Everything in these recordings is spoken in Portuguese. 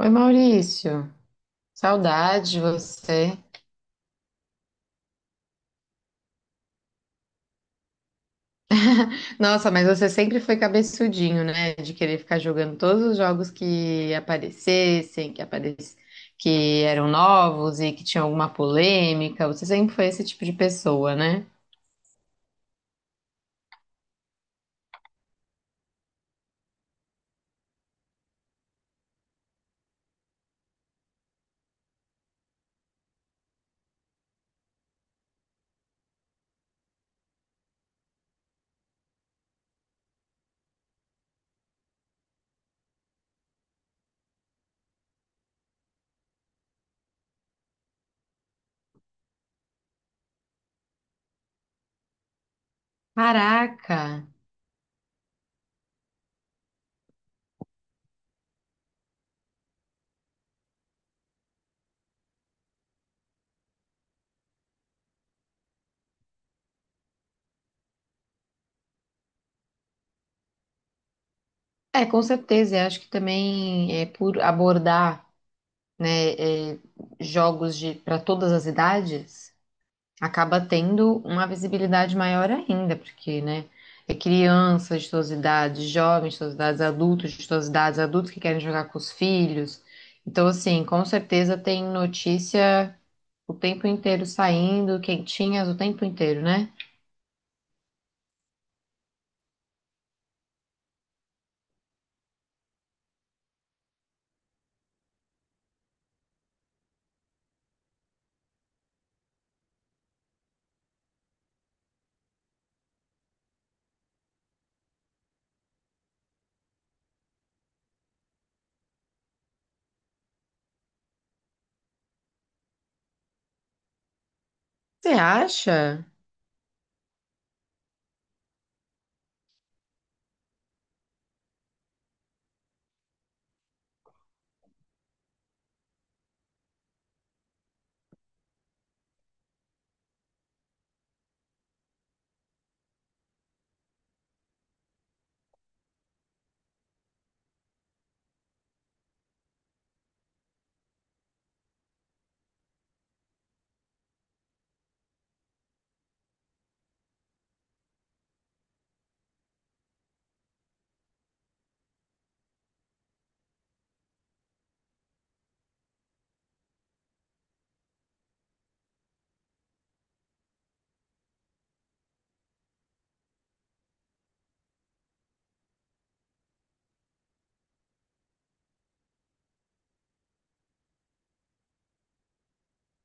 Oi, Maurício. Saudade de você. Nossa, mas você sempre foi cabeçudinho, né? De querer ficar jogando todos os jogos que aparecessem, que eram novos e que tinha alguma polêmica. Você sempre foi esse tipo de pessoa, né? Caraca! É, com certeza. Eu acho que também é por abordar, né, é, jogos de para todas as idades. Acaba tendo uma visibilidade maior ainda, porque, né, é crianças de todas as idades, jovens de todas as idades, adultos de todas as idades, adultos que querem jogar com os filhos. Então, assim, com certeza tem notícia o tempo inteiro saindo, quentinhas o tempo inteiro, né? Você acha?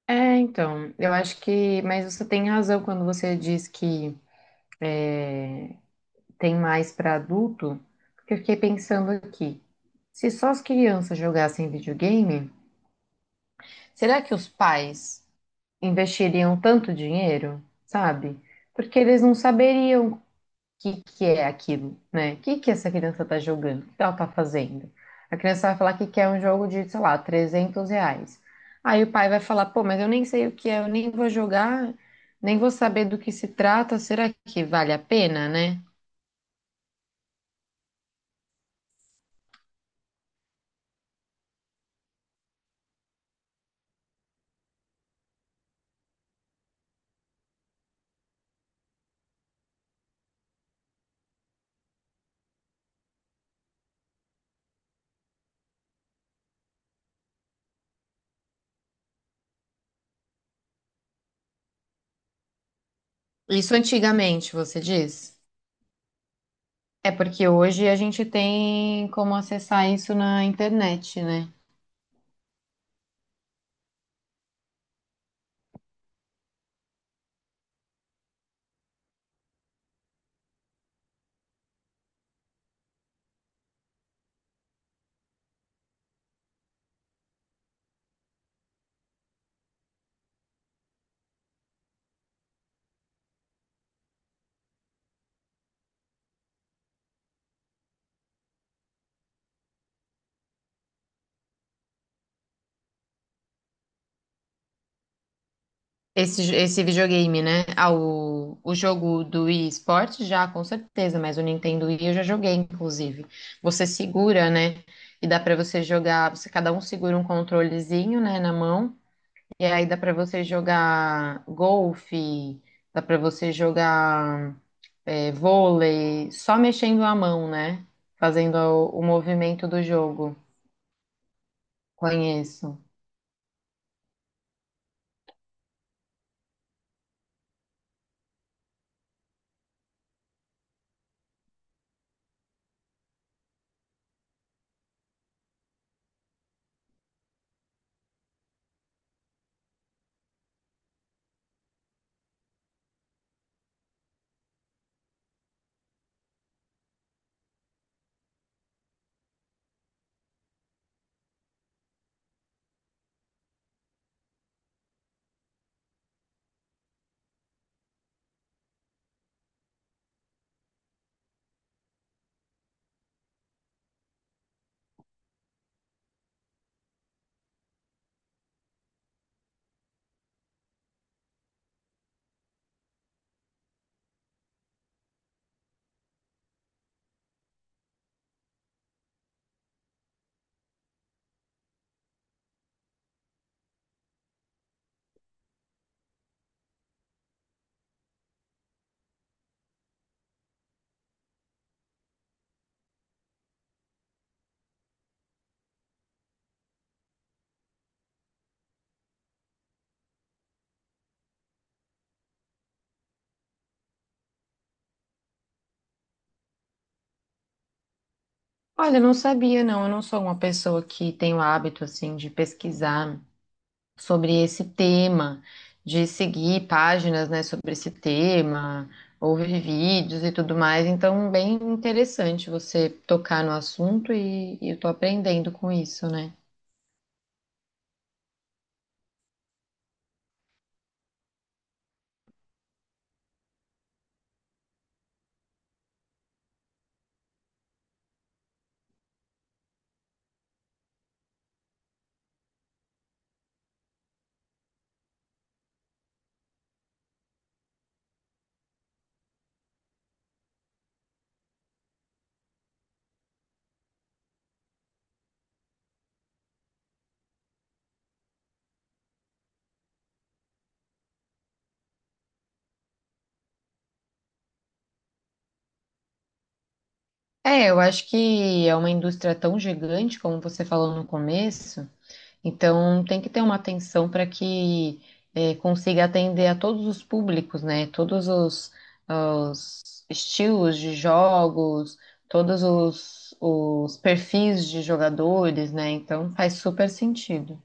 É, então, eu acho que, mas você tem razão quando você diz que tem mais para adulto, porque eu fiquei pensando aqui. Se só as crianças jogassem videogame, será que os pais investiriam tanto dinheiro, sabe? Porque eles não saberiam o que que é aquilo, né? O que que essa criança tá jogando? O que ela tá fazendo? A criança vai falar que quer um jogo de, sei lá, 300 reais. Aí o pai vai falar, pô, mas eu nem sei o que é, eu nem vou jogar, nem vou saber do que se trata, será que vale a pena, né? Isso antigamente, você diz? É porque hoje a gente tem como acessar isso na internet, né? Esse videogame, né? Ah, o jogo do Wii Sports já, com certeza, mas o Nintendo Wii eu já joguei, inclusive. Você segura, né? E dá pra você jogar, você cada um segura um controlezinho, né, na mão, e aí dá pra você jogar golfe, dá pra você jogar vôlei, só mexendo a mão, né? Fazendo o movimento do jogo. Conheço. Olha, eu não sabia, não. Eu não sou uma pessoa que tem o hábito, assim, de pesquisar sobre esse tema, de seguir páginas, né, sobre esse tema, ouvir vídeos e tudo mais. Então, bem interessante você tocar no assunto e eu tô aprendendo com isso, né? É, eu acho que é uma indústria tão gigante, como você falou no começo, então tem que ter uma atenção para que consiga atender a todos os públicos, né? Todos os estilos de jogos, todos os perfis de jogadores, né? Então faz super sentido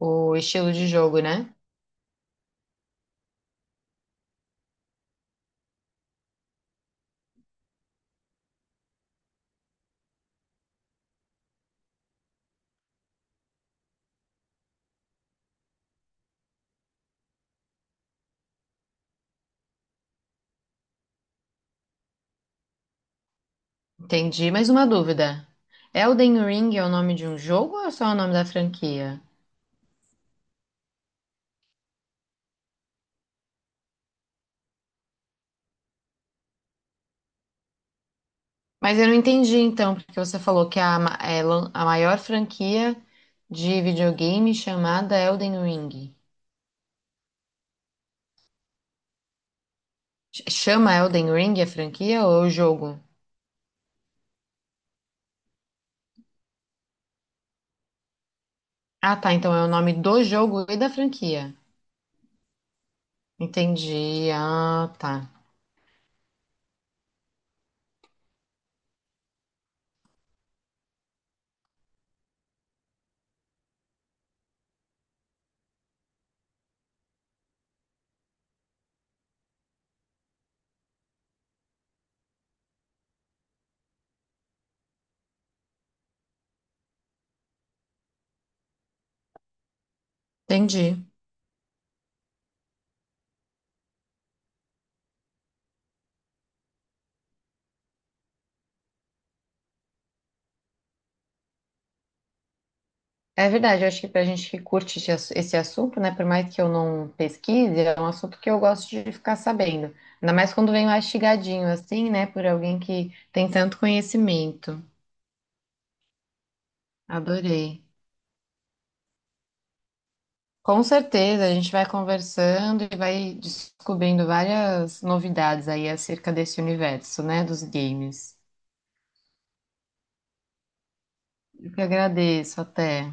o estilo de jogo, né? Entendi. Mais uma dúvida. Elden Ring é o nome de um jogo ou é só o nome da franquia? Mas eu não entendi então, porque você falou que é a, ma- é lan- a maior franquia de videogame chamada Elden Ring. Chama Elden Ring a franquia ou é o jogo? Ah, tá. Então é o nome do jogo e da franquia. Entendi. Ah, tá. Entendi. É verdade, eu acho que pra gente que curte esse assunto, né, por mais que eu não pesquise, é um assunto que eu gosto de ficar sabendo. Ainda mais quando vem mastigadinho assim, né, por alguém que tem tanto conhecimento. Adorei. Com certeza, a gente vai conversando e vai descobrindo várias novidades aí acerca desse universo, né, dos games. Eu que agradeço, até.